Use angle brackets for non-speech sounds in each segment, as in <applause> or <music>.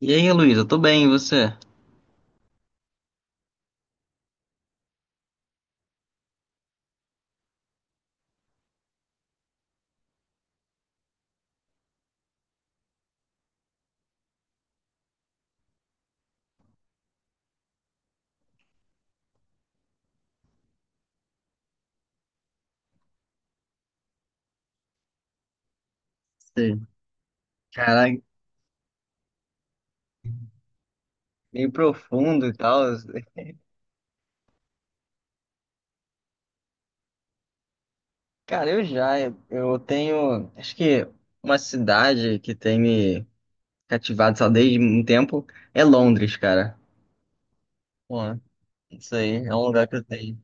E aí, Luísa, tô bem, e você? Sim. Caraca, meio profundo e tal. Cara, eu tenho, acho que uma cidade que tem me cativado só desde um tempo é Londres, cara. Pô, isso aí é um lugar que eu tenho.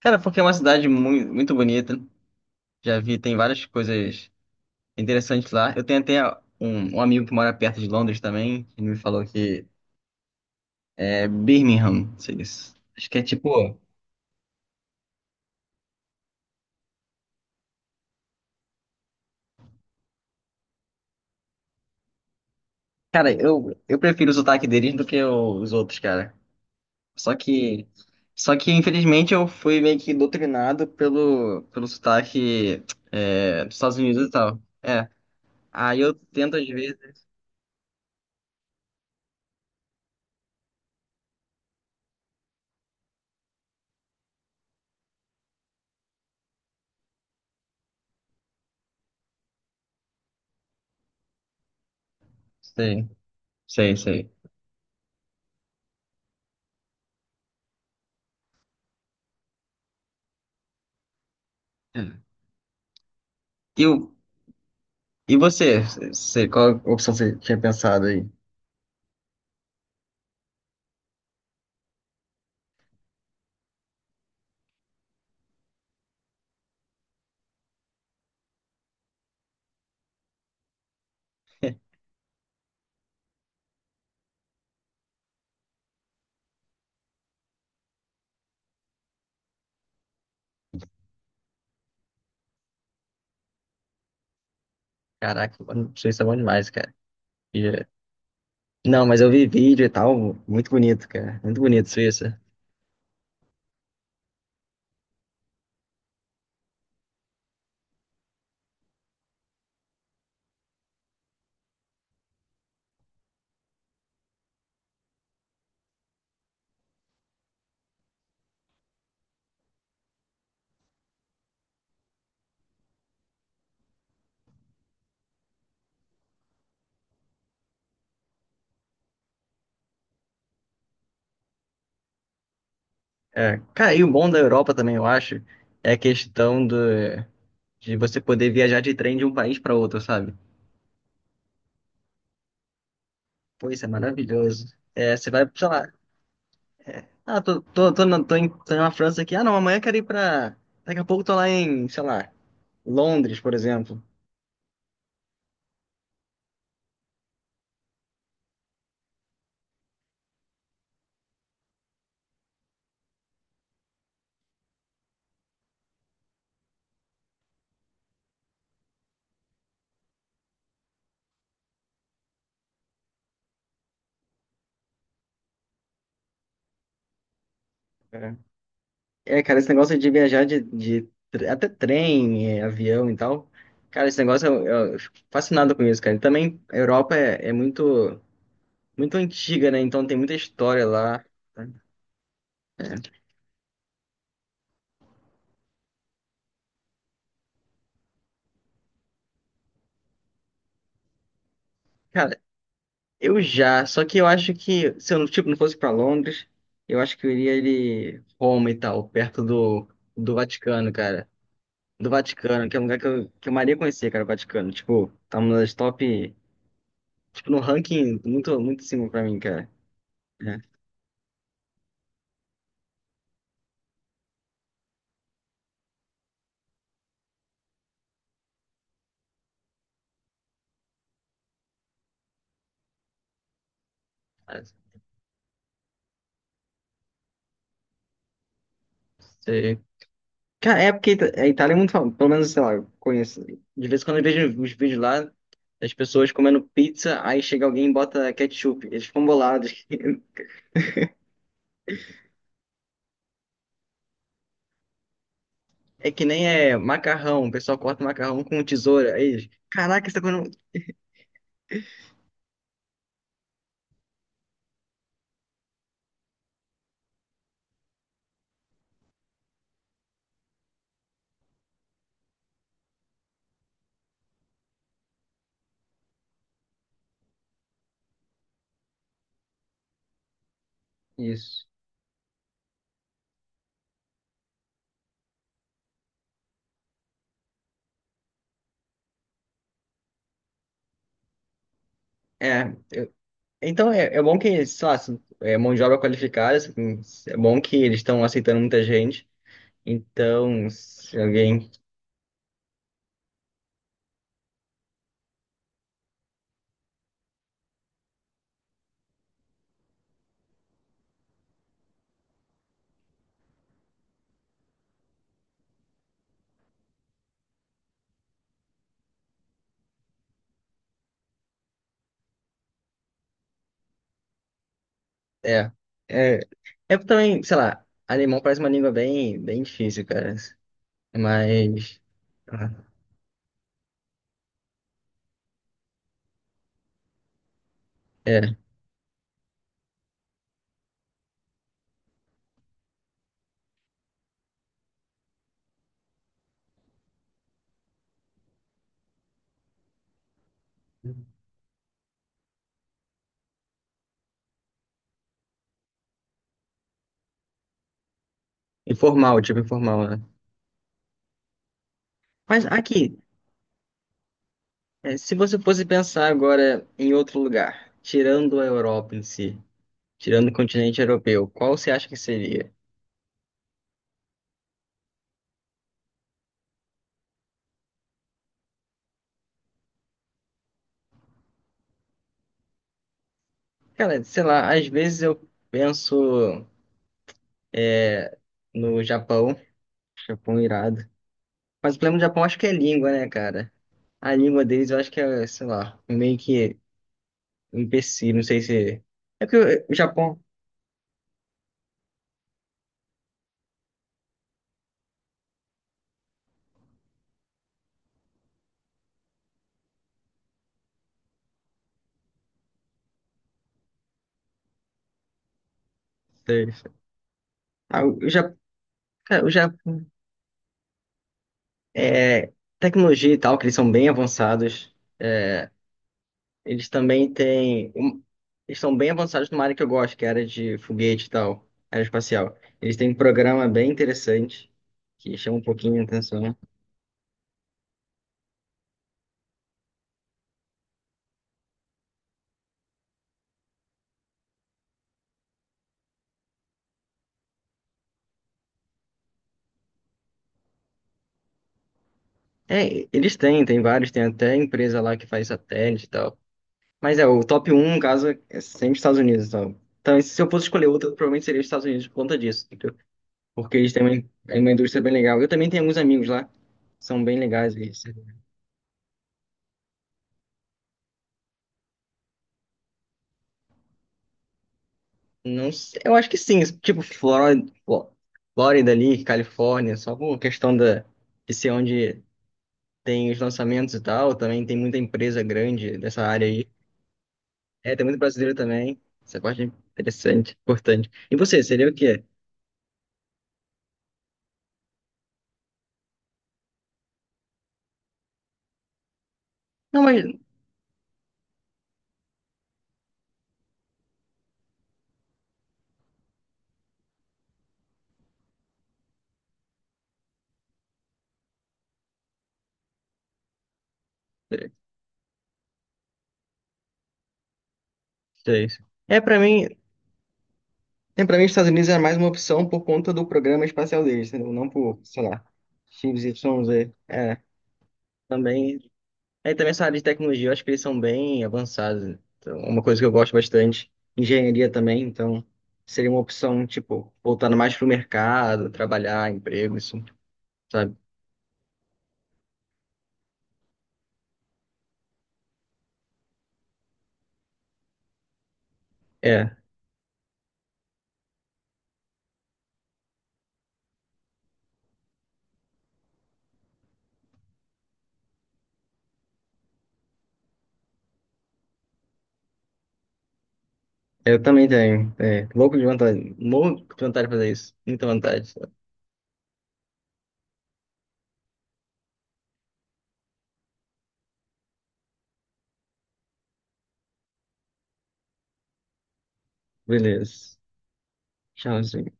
Cara, porque é uma cidade muito, muito bonita. Já vi, tem várias coisas interessantes lá. Eu tenho até um amigo que mora perto de Londres também, que me falou que é Birmingham, não sei isso. Acho que é tipo. Cara, eu prefiro o sotaque deles do que o- os outros, cara. Só que, só que infelizmente eu fui meio que doutrinado pelo, pelo sotaque dos Estados Unidos e tal. Aí eu tento às vezes. Sei, sei, sei. É. E, o, e você? Você, qual opção você tinha pensado aí? <laughs> Caraca, mano, Suíça é bom demais, cara. E- Não, mas eu vi vídeo e tal, muito bonito, cara. Muito bonito, Suíça. É, cara, e o bom da Europa também, eu acho, é a questão do. De você poder viajar de trem de um país para outro, sabe? Pô, isso é maravilhoso. É, você vai, sei lá, ah, tô na, tô, em, tô na França aqui, ah, não, amanhã eu quero ir pra. Daqui a pouco tô lá em, sei lá, Londres, por exemplo. É. É, cara, esse negócio de viajar de tre- até trem, é, avião e tal. Cara, esse negócio eu fico fascinado com isso, cara. E também a Europa é, é muito, muito antiga, né? Então tem muita história lá. Cara, Eu já, só que eu acho que se eu não, tipo, não fosse pra Londres, eu acho que eu iria ele Roma e tal, perto do, do Vaticano, cara. Do Vaticano, que é um lugar que eu maria conhecer, cara, o Vaticano. Tipo, tá uma das top, tipo, no ranking muito, muito em cima pra mim, cara. É, mas, sei. Cara, é porque Ita- a Itália é muito famosa, pelo menos, sei lá, eu conheço. De vez em quando eu vejo os vídeos lá das pessoas comendo pizza, aí chega alguém e bota ketchup. Eles ficam bolados. É que nem é macarrão, o pessoal corta macarrão com tesoura. Aí, eles, caraca, isso tá comendo. Isso. É, eu- então é, é bom que, sei lá, se- é mão de obra qualificada, assim, é bom que eles estão aceitando muita gente. Então, se alguém. É, é, é também, sei lá, alemão parece uma língua bem, bem difícil, cara. Mas. É, informal, tipo informal, né? Mas aqui, é, se você fosse pensar agora em outro lugar, tirando a Europa em si. Tirando o continente europeu, qual você acha que seria? Cara, sei lá, às vezes eu penso no Japão, Japão irado. Mas o problema do Japão acho que é língua, né, cara? A língua deles eu acho que é, sei lá, meio que um empecilho, não sei se. É porque o Japão. Sei. Ah, o Japão. Cara, o Japão. É, tecnologia e tal, que eles são bem avançados. É, Eles também têm. Um- Eles são bem avançados numa área que eu gosto, que é a área de foguete e tal, aeroespacial. Eles têm um programa bem interessante, que chama um pouquinho a atenção. Né? É, eles têm, tem vários, tem até empresa lá que faz satélite e tal. Mas é, o top um no caso, é sempre os Estados Unidos e tal. Então, se eu fosse escolher outro, provavelmente seria os Estados Unidos por conta disso, entendeu? Porque eles têm uma, é uma indústria bem legal. Eu também tenho alguns amigos lá, são bem legais. Eles- Não sei, eu acho que sim, tipo Flórida, Fló- Flórida ali, Califórnia, só por questão da, de ser onde tem os lançamentos e tal, também tem muita empresa grande dessa área aí. É, tem muito brasileiro também, essa parte é interessante, importante. E você, seria o quê? Não, mas... Sei. É, pra mim, é, pra mim os Estados Unidos é mais uma opção por conta do programa espacial deles, entendeu? Não por, sei lá, XYZ. É, também Aí também essa área de tecnologia, eu acho que eles são bem avançados. Né? Então, é uma coisa que eu gosto bastante. Engenharia também, então seria uma opção, tipo, voltando mais pro mercado, trabalhar, emprego, isso, sabe? É, eu também tenho. É, louco de vontade de fazer isso. Muita vontade. Beleza. Tchauzinho.